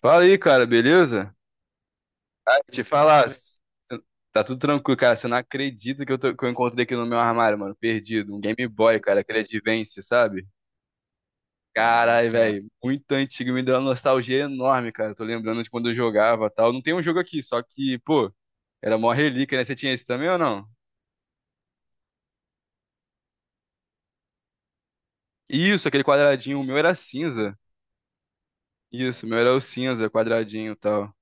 Fala aí, cara, beleza? Ah, te falar, s- tá tudo tranquilo, cara. Você não acredita que que eu encontrei aqui no meu armário, mano, perdido. Um Game Boy, cara, aquele Advance, sabe? Caralho, velho, muito antigo, me deu uma nostalgia enorme, cara. Tô lembrando de quando eu jogava e tal. Não tem um jogo aqui, só que, pô, era mó relíquia, né? Você tinha esse também ou não? Isso, aquele quadradinho, o meu era cinza. Isso, o meu era o cinza, quadradinho e tal.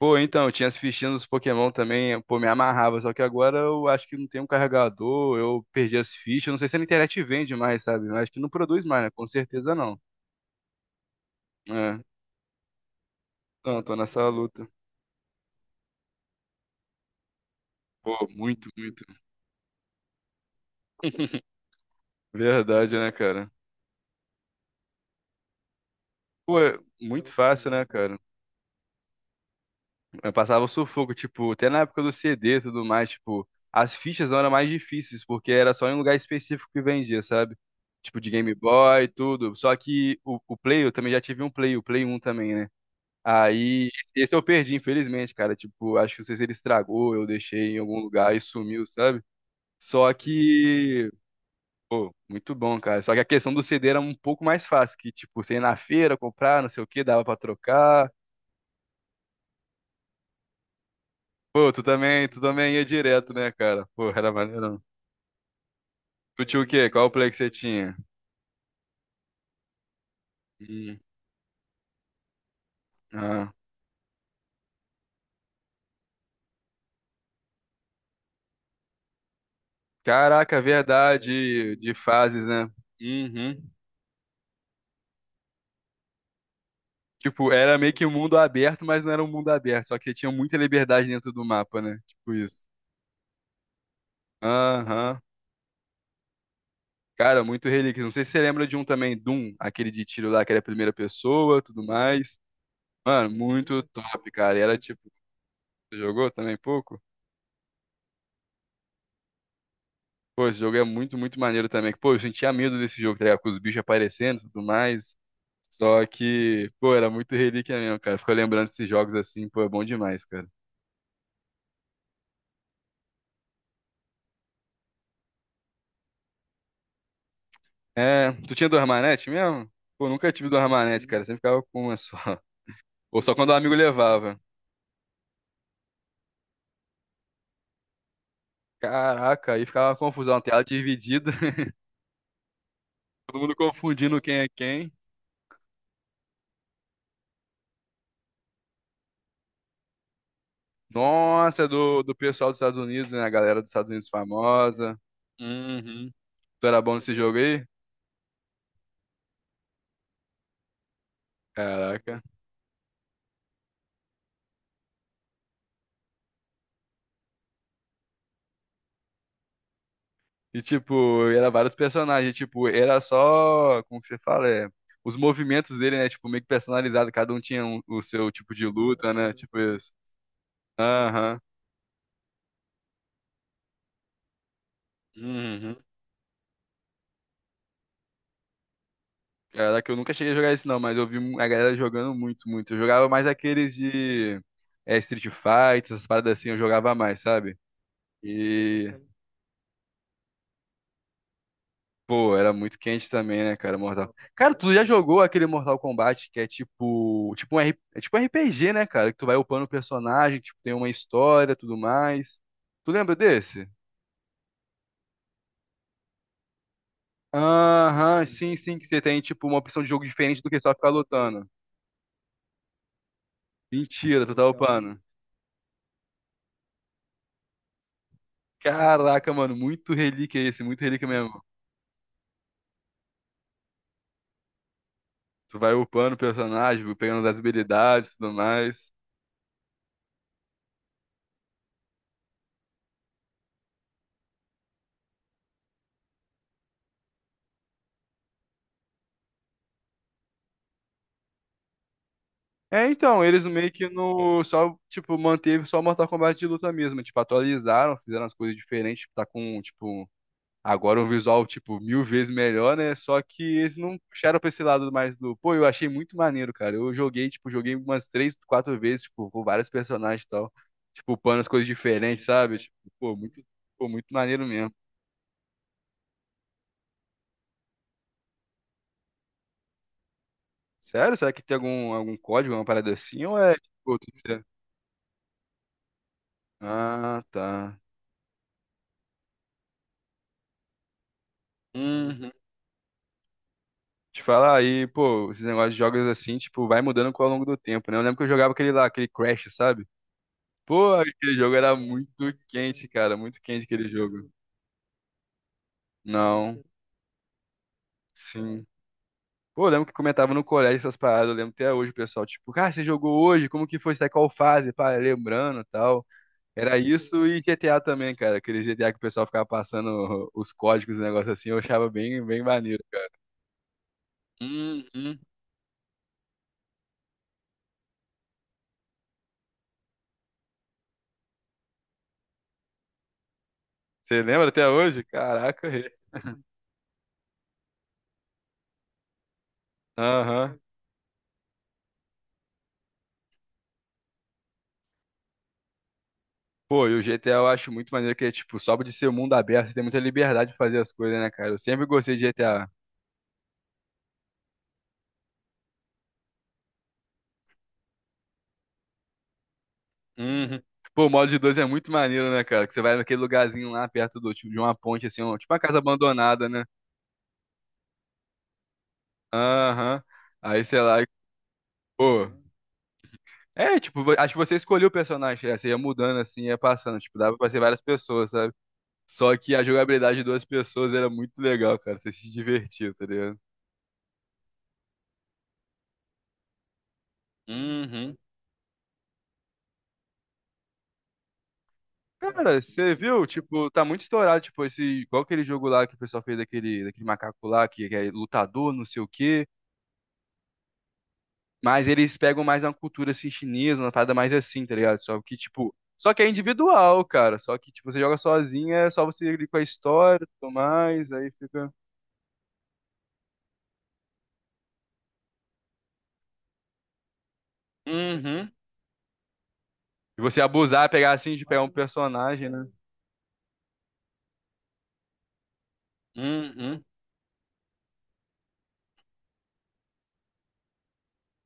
Pô, então, eu tinha as fichinhas dos Pokémon também, pô, me amarrava, só que agora eu acho que não tem um carregador, eu perdi as fichas, não sei se a internet vende mais, sabe? Eu acho que não produz mais, né? Com certeza não. É, não, tô nessa luta. Pô, muito, muito. Verdade, né, cara? Pô, é muito fácil, né, cara? Eu passava sufoco, tipo, até na época do CD e tudo mais, tipo, as fichas eram mais difíceis, porque era só em um lugar específico que vendia, sabe? Tipo, de Game Boy e tudo. Só que o Play, eu também já tive um Play, o Play um também, né? Aí, esse eu perdi, infelizmente, cara. Tipo, acho que não sei se ele estragou, eu deixei em algum lugar e sumiu, sabe? Só que, pô, muito bom, cara. Só que a questão do CD era um pouco mais fácil, que, tipo, você ia na feira, comprar, não sei o que, dava pra trocar. Pô, tu também ia direto, né, cara? Pô, era maneirão. Tu tinha o quê? Qual o play que você tinha? Hum, ah. Caraca, verdade, de fases, né? Uhum. Tipo, era meio que um mundo aberto, mas não era um mundo aberto, só que tinha muita liberdade dentro do mapa, né? Tipo isso. Aham. Cara, muito relíquia. Não sei se você lembra de um também, Doom, aquele de tiro lá que era primeira pessoa, tudo mais. Mano, muito top, cara. E era tipo, você jogou também pouco? Pô, esse jogo é muito, muito maneiro também. Pô, eu sentia medo desse jogo, tá ligado? Com os bichos aparecendo e tudo mais. Só que, pô, era muito relíquia mesmo, cara. Ficou lembrando desses jogos assim, pô, é bom demais, cara. É, tu tinha duas manetes mesmo? Pô, nunca tive duas manetes, cara. Sempre ficava com uma só. Ou só quando o amigo levava. Caraca, aí ficava uma confusão, uma tela dividida, todo mundo confundindo quem é quem. Nossa, é do pessoal dos Estados Unidos, né? A galera dos Estados Unidos famosa. Uhum. Tu era bom nesse jogo aí? Caraca. E tipo, era vários personagens, tipo, era só, como que você fala, é, os movimentos dele, né, tipo, meio que personalizado, cada um o seu tipo de luta, né, tipo isso. Aham. Uhum. Caraca, eu nunca cheguei a jogar esse não, mas eu vi a galera jogando muito, muito. Eu jogava mais aqueles de Street Fighter, essas paradas assim, eu jogava mais, sabe? E, pô, era muito quente também, né, cara, Mortal. Cara, tu já jogou aquele Mortal Kombat que é é tipo um RPG, né, cara? Que tu vai upando o personagem, tipo, tem uma história, tudo mais. Tu lembra desse? Aham, sim, sim, que você tem tipo uma opção de jogo diferente do que só ficar lutando. Mentira, tu tá upando. Caraca, mano, muito relíquia esse, muito relíquia mesmo. Tu vai upando o personagem, pegando as habilidades e tudo mais. É, então, eles meio que no. Só, tipo, manteve só Mortal Kombat de luta mesmo. Tipo, atualizaram, fizeram as coisas diferentes. Tá com, tipo, agora um visual, tipo, mil vezes melhor, né? Só que eles não puxaram pra esse lado mais do. Pô, eu achei muito maneiro, cara. Eu joguei, tipo, joguei umas três, quatro vezes, tipo, com vários personagens e tal. Tipo, upando as coisas diferentes, sabe? Tipo, pô, muito maneiro mesmo. Sério? Será que tem algum, algum código, uma parada assim? Ou é, tipo, tudo certo? Ah, tá. Uhum. Te falar aí, pô, esses negócios de jogos assim, tipo, vai mudando ao longo do tempo, né? Eu lembro que eu jogava aquele lá, aquele Crash, sabe? Pô, aquele jogo era muito quente, cara, muito quente aquele jogo. Não, sim. Pô, eu lembro que comentava no colégio essas paradas, eu lembro até hoje, o pessoal, tipo, cara, você jogou hoje? Como que foi? Você tá em qual fase? Pá, lembrando e tal. Era isso e GTA também, cara. Aquele GTA que o pessoal ficava passando os códigos, e negócio assim, eu achava bem, bem maneiro, cara. Uhum. Você lembra até hoje? Caraca, aham. Pô, e o GTA eu acho muito maneiro que é, tipo, só de ser um mundo aberto, você tem muita liberdade de fazer as coisas, né, cara? Eu sempre gostei de GTA. Uhum. Pô, o modo de dois é muito maneiro, né, cara? Que você vai naquele lugarzinho lá perto do, tipo, de uma ponte, assim, tipo uma casa abandonada, né? Aham. Aí, sei lá, pô. É, tipo, acho que você escolheu o personagem, né? Você ia mudando, assim, ia passando. Tipo, dava pra ser várias pessoas, sabe? Só que a jogabilidade de duas pessoas era muito legal, cara. Você se divertia, tá ligado? Uhum. Cara, você viu? Tipo, tá muito estourado, tipo, esse, igual aquele jogo lá que o pessoal fez daquele, daquele macaco lá, que é lutador, não sei o quê. Mas eles pegam mais uma cultura, assim, chinesa, uma parada mais assim, tá ligado? Só que, tipo, só que é individual, cara. Só que, tipo, você joga sozinho, é só você ir com a história, tudo mais, aí fica... Uhum. E você abusar, pegar assim, de pegar um personagem, né? Uhum.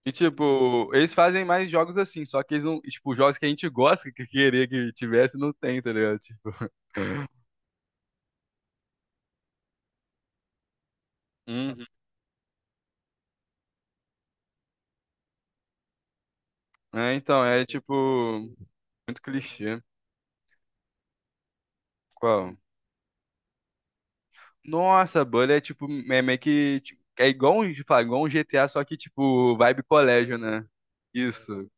E, tipo, eles fazem mais jogos assim, só que eles não... Tipo, jogos que a gente gosta, que queria que tivesse, não tem, tá ligado? Tipo... É, então, é tipo, muito clichê. Qual? Nossa, Bully é tipo, é meio que, tipo, é igual um, fala, igual um GTA, só que tipo, vibe colégio, né? Isso.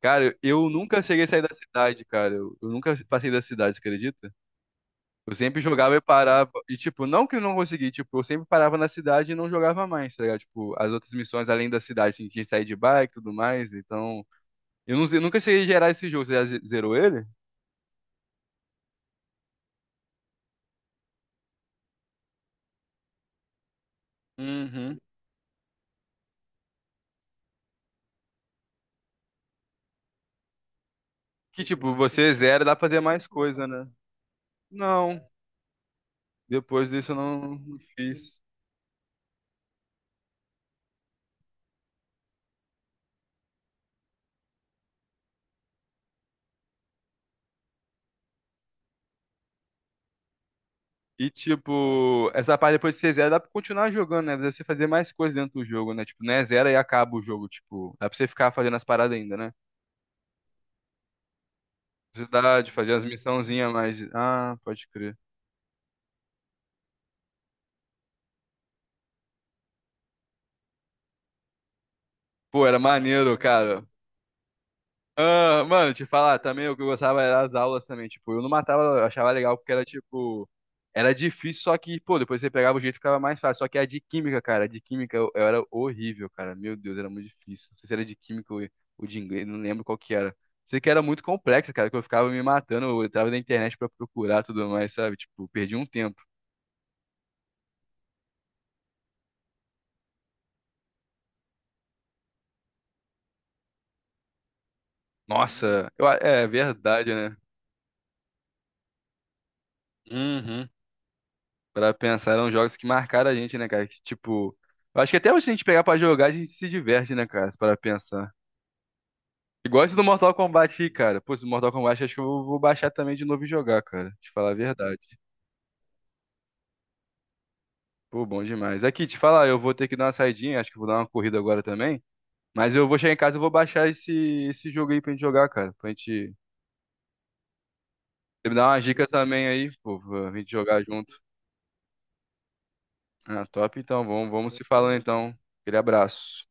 Cara, eu nunca cheguei a sair da cidade, cara. Eu nunca passei da cidade, você acredita? Eu sempre jogava e parava. E, tipo, não que eu não consegui, tipo, eu sempre parava na cidade e não jogava mais, tá ligado? Tipo, as outras missões além da cidade, assim, tinha que sair de bike e tudo mais. Então, eu, não, eu nunca cheguei a gerar esse jogo. Você já zerou ele? Uhum. Que tipo, você zera, dá pra fazer mais coisa, né? Não, depois disso eu não fiz. E tipo, essa parte depois de você zera, dá pra continuar jogando, né? Dá pra Você fazer mais coisa dentro do jogo, né? Tipo, não é zero e acaba o jogo, tipo, dá pra você ficar fazendo as paradas ainda, né? Você dá de fazer as missãozinhas, mas. Ah, pode crer. Pô, era maneiro, cara. Ah, mano, te falar, também o que eu gostava era as aulas também, tipo, eu não matava, eu achava legal porque era tipo, era difícil, só que, pô, depois você pegava o jeito ficava mais fácil, só que a de química, cara, a de química eu era horrível, cara, meu Deus, era muito difícil, não sei se era de química ou de inglês, não lembro qual que era, sei que era muito complexo, cara, que eu ficava me matando, eu entrava na internet pra procurar tudo mais, sabe, tipo, perdi um tempo, nossa, é verdade, né? Uhum. Pra pensar, eram jogos que marcaram a gente, né, cara? Que, tipo, eu acho que até hoje se a gente pegar pra jogar, a gente se diverte, né, cara? Para pensar. Igual esse do Mortal Kombat aí, cara. Pô, esse do Mortal Kombat acho que eu vou baixar também de novo e jogar, cara. Te falar a verdade. Pô, bom demais. Aqui, te falar, eu vou ter que dar uma saidinha, acho que eu vou dar uma corrida agora também. Mas eu vou chegar em casa e vou baixar esse jogo aí pra gente jogar, cara. Pra gente. Você me dá uma dica também aí, pô, pra gente jogar junto. Ah, top, então. Vamos se falando então. Aquele abraço.